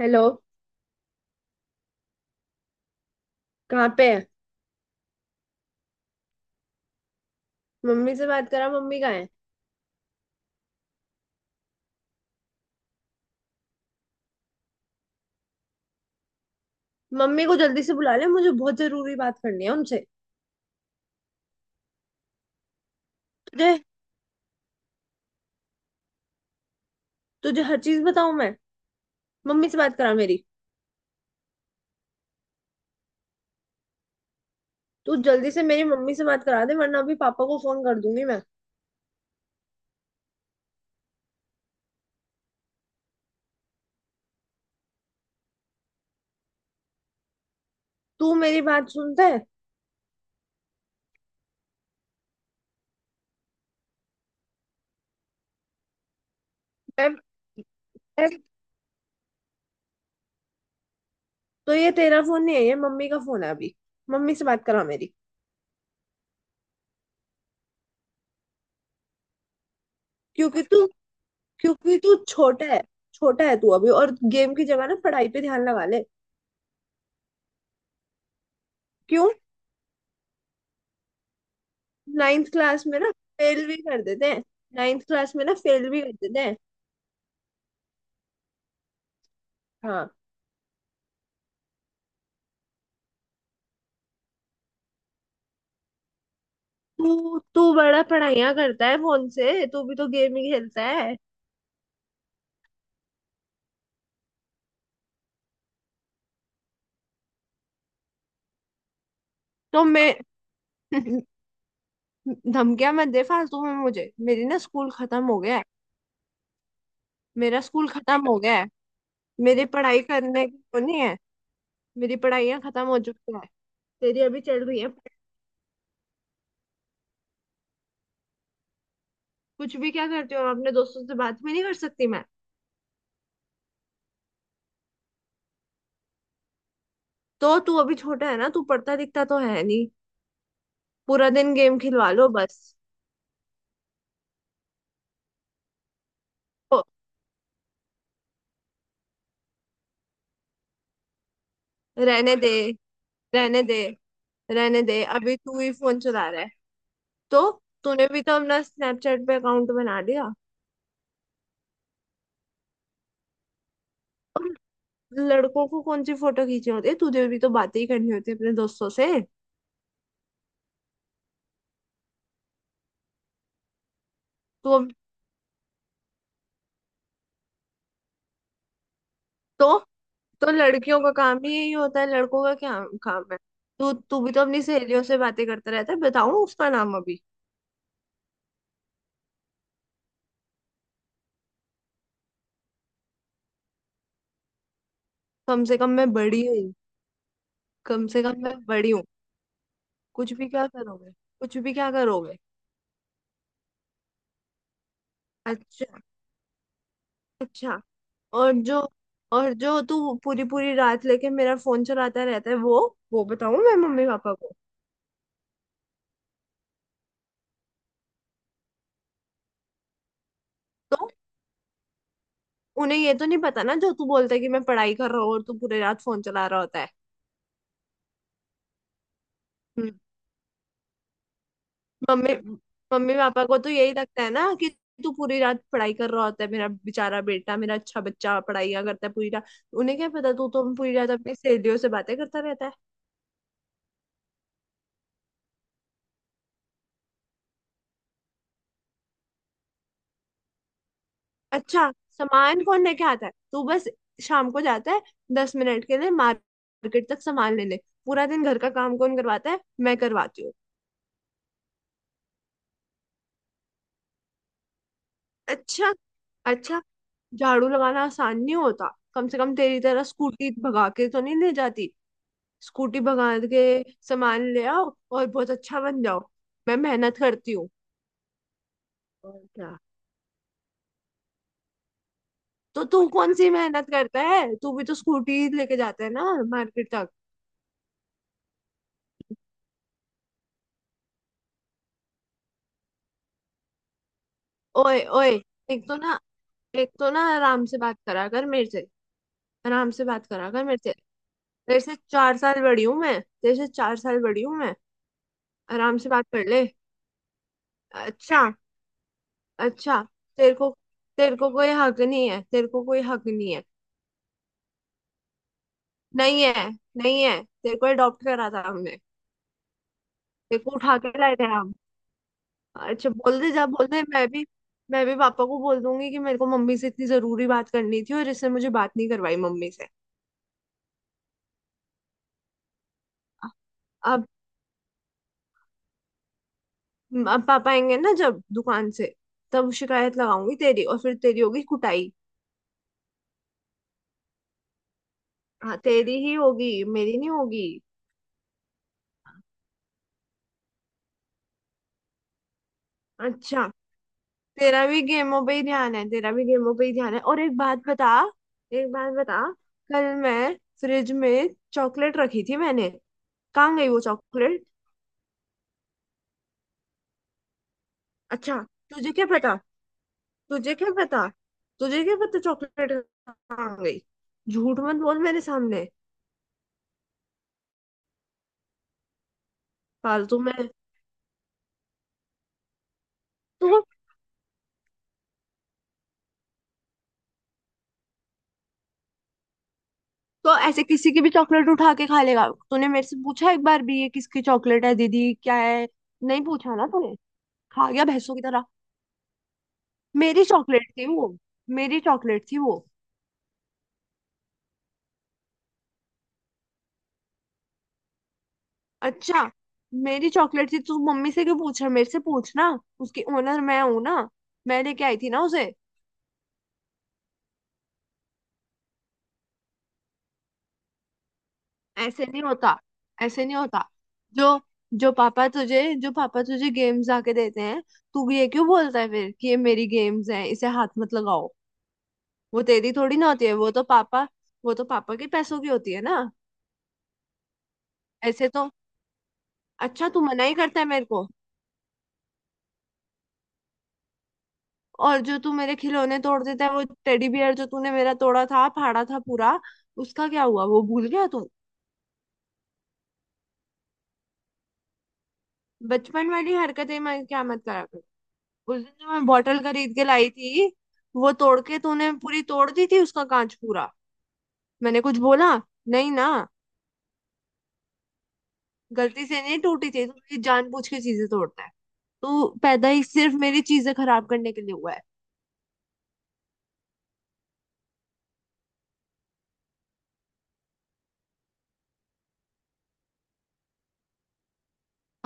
Hello. कहाँ पे है? मम्मी से बात करा, मम्मी कहाँ है? मम्मी को जल्दी से बुला ले, मुझे बहुत जरूरी बात करनी है उनसे। तुझे तुझे हर चीज बताऊं मैं? मम्मी से बात करा मेरी। तू जल्दी से मेरी मम्मी से बात करा दे, वरना अभी पापा को फोन कर दूंगी मैं। तू मेरी बात सुनता है? मैं मैं- तो ये तेरा फोन नहीं है, ये मम्मी का फोन है अभी। मम्मी से बात करा मेरी। क्योंकि तू क्योंकि तू छोटा है। छोटा है तू अभी, और गेम की जगह ना पढ़ाई पे ध्यान लगा ले। क्यों? नाइन्थ क्लास में ना फेल भी कर देते हैं। नाइन्थ क्लास में ना फेल भी कर देते हैं। हाँ। तू तू बड़ा पढ़ाइयाँ करता है फोन से? तू भी तो गेम ही खेलता है। तो मैं धमकियां मत दे फालतू में मुझे। मेरी ना, स्कूल खत्म हो गया है। मेरा स्कूल खत्म हो गया है। मेरी पढ़ाई करने की वो नहीं है। मेरी पढ़ाइयाँ खत्म हो चुकी है। तेरी अभी चल रही है। कुछ भी क्या करती हूँ? अपने दोस्तों से बात भी नहीं कर सकती मैं? तो तू अभी छोटा है ना, तू पढ़ता लिखता तो है नहीं। पूरा दिन गेम खिलवा लो बस। तो रहने दे। रहने दे, रहने दे अभी तू ही फोन चला रहा है। तो तूने भी तो अपना स्नैपचैट पे अकाउंट बना लिया। और लड़कों को कौन सी फोटो खींचनी होती है? तुझे भी तो बातें ही करनी होती है अपने दोस्तों से। तो अब- तो तो लड़कियों का काम ही यही होता है, लड़कों का क्या काम है? तू तू भी तो अपनी सहेलियों से बातें करता रहता है, बताऊं उसका नाम अभी? कम से कम मैं बड़ी हूँ। कम से कम मैं बड़ी हूँ। कुछ भी क्या करोगे? कुछ भी क्या करोगे? अच्छा। अच्छा। और जो और जो तू पूरी पूरी रात लेके मेरा फोन चलाता रहता है, वो बताऊं मैं मम्मी पापा को? तो उन्हें ये तो नहीं पता ना, जो तू बोलता है कि मैं पढ़ाई कर रहा हूँ, और तू पूरी रात फोन चला रहा होता है। हम्म, मम्मी मम्मी पापा को तो यही लगता है ना कि तू पूरी रात पढ़ाई कर रहा होता है। मेरा बेचारा बेटा, मेरा अच्छा बच्चा पढ़ाइयाँ करता है पूरी रात। उन्हें क्या पता, तू तो पूरी रात अपनी सहेलियों से बातें करता रहता है। अच्छा। सामान कौन लेके आता है? तू बस शाम को जाता है 10 मिनट के लिए मार्केट तक सामान लेने। पूरा दिन घर का काम कौन करवाता है? मैं करवाती हूँ। अच्छा। अच्छा। झाड़ू लगाना आसान नहीं होता। कम से कम तेरी तरह स्कूटी भगा के तो नहीं ले जाती। स्कूटी भगा के सामान ले आओ और बहुत अच्छा बन जाओ। मैं मेहनत करती हूँ। और क्या। तो तू कौन सी मेहनत करता है? तू भी तो स्कूटी लेके जाता है ना मार्केट तक। ओए ओए, एक तो ना एक तो ना आराम से बात करा कर मेरे से। आराम से बात करा कर मेरे से। तेरे से 4 साल बड़ी हूँ मैं, तेरे से 4 साल बड़ी हूँ मैं। आराम से बात कर ले। अच्छा। अच्छा। तेरे को तेरे को कोई हक नहीं है, तेरे को कोई हक नहीं है। नहीं है। नहीं है, तेरे को अडॉप्ट करा था हमने। तेरे को उठा के लाए थे हम। अच्छा बोल दे, जा बोल दे। मैं भी पापा को बोल दूंगी कि मेरे को मम्मी से इतनी जरूरी बात करनी थी, और इसने मुझे बात नहीं करवाई मम्मी से। पापा आएंगे ना जब दुकान से, तब शिकायत लगाऊंगी तेरी, और फिर तेरी होगी कुटाई। हाँ, तेरी ही होगी, मेरी नहीं होगी। अच्छा। तेरा भी गेमों पे ही ध्यान है। तेरा भी गेमों पे ही ध्यान है, और एक बात बता। एक बात बता। कल मैं, फ्रिज में चॉकलेट रखी थी मैंने। कहाँ गई वो चॉकलेट? अच्छा। तुझे क्या पता, तुझे क्या पता, तुझे क्या पता चॉकलेट कहाँ गई? झूठ मत बोल मेरे सामने फालतू में। तो तो ऐसे किसी की भी चॉकलेट उठा के खा लेगा? तूने मेरे से पूछा एक बार भी, ये किसकी चॉकलेट है, दीदी क्या है? नहीं पूछा ना तूने। खा गया भैंसों की तरह। मेरी चॉकलेट थी वो। मेरी चॉकलेट थी वो। अच्छा। मेरी चॉकलेट थी, तू मम्मी से क्यों पूछ रहा? मेरे से पूछना, उसकी ओनर मैं हूं ना। मैं लेके आई थी ना उसे। ऐसे नहीं होता। ऐसे नहीं होता। जो जो पापा तुझे गेम्स आके देते हैं, तू भी ये क्यों बोलता है फिर कि ये मेरी गेम्स है, इसे हाथ मत लगाओ? वो तेरी थोड़ी ना होती है, वो तो पापा के पैसों की होती है ना। ऐसे तो। अच्छा, तू मना ही करता है मेरे को? और जो तू मेरे खिलौने तोड़ देता है, वो टेडी बियर जो तूने मेरा तोड़ा था, फाड़ा था पूरा, उसका क्या हुआ? वो भूल गया तू? बचपन वाली हरकतें मैं क्या मत करा कर? उस दिन जो मैं बॉटल खरीद के लाई थी, वो तोड़ के तूने पूरी तोड़ दी थी, उसका कांच पूरा। मैंने कुछ बोला नहीं ना? गलती से नहीं टूटी थी, तू मेरी जानबूझ के चीजें तोड़ता है। तू पैदा ही सिर्फ मेरी चीजें खराब करने के लिए हुआ है।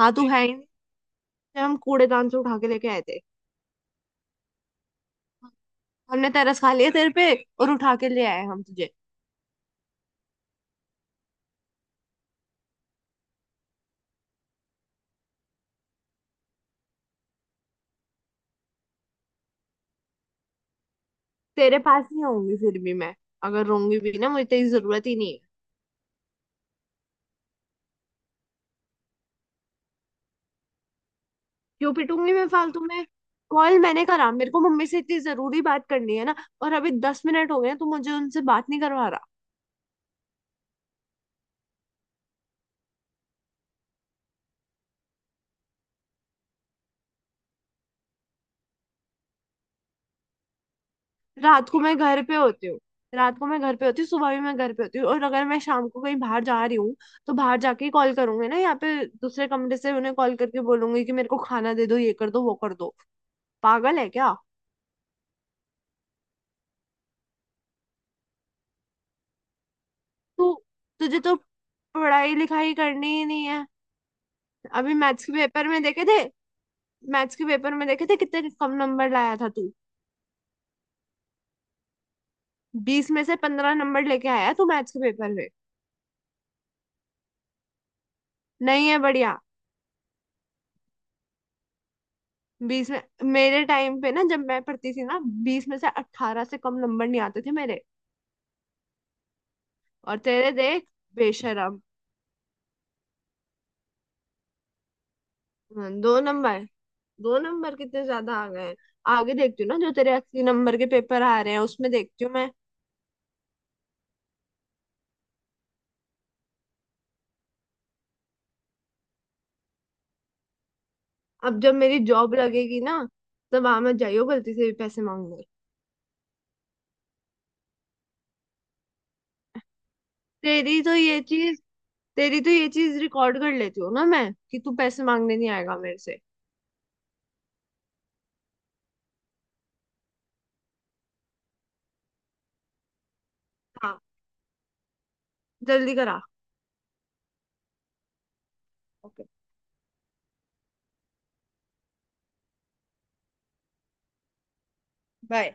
हाँ, तू है ही नहीं। जब हम कूड़ेदान से उठा के लेके आए थे। हमने तरस खा लिया तेरे पे, और उठा के ले आए हम तुझे। तेरे पास नहीं होंगी, फिर भी मैं अगर रोंगी भी ना, मुझे तेरी जरूरत ही नहीं है। क्यों पिटूंगी मैं फालतू में? कॉल मैंने करा, मेरे को मम्मी से इतनी जरूरी बात करनी है ना, और अभी 10 मिनट हो गए हैं, तू मुझे उनसे बात नहीं करवा रहा। रात को मैं घर पे होती हूँ। रात को मैं घर पे होती हूँ, सुबह भी मैं घर पे होती हूँ, और अगर मैं शाम को कहीं बाहर जा रही हूँ, तो बाहर जाके ही कॉल करूंगी ना। यहाँ पे दूसरे कमरे से उन्हें कॉल करके बोलूंगी कि मेरे को खाना दे दो, ये कर दो, वो कर दो। पागल है क्या? तू तुझे तो पढ़ाई लिखाई करनी ही नहीं है। अभी मैथ्स के पेपर में देखे थे मैथ्स के पेपर में देखे थे, कितने कम नंबर लाया था तू। बीस में से 15 नंबर लेके आया तू मैथ्स के पेपर में। नहीं है बढ़िया। बीस में मेरे टाइम पे ना, जब मैं पढ़ती थी ना, 20 में से 18 से कम नंबर नहीं आते थे मेरे। और तेरे, देख बेशरम। हाँ, 2 नंबर कितने ज्यादा आ गए हैं। आगे देखती हूँ ना, जो तेरे 80 नंबर के पेपर आ रहे हैं, उसमें देखती हूँ मैं। अब जब मेरी जॉब लगेगी ना, तब आ मत जाइयो गलती से भी पैसे मांगने। तेरी तो ये चीज तेरी तो ये चीज रिकॉर्ड कर लेती हूँ ना मैं, कि तू पैसे मांगने नहीं आएगा मेरे से। हाँ, जल्दी करा। ओके। बाय।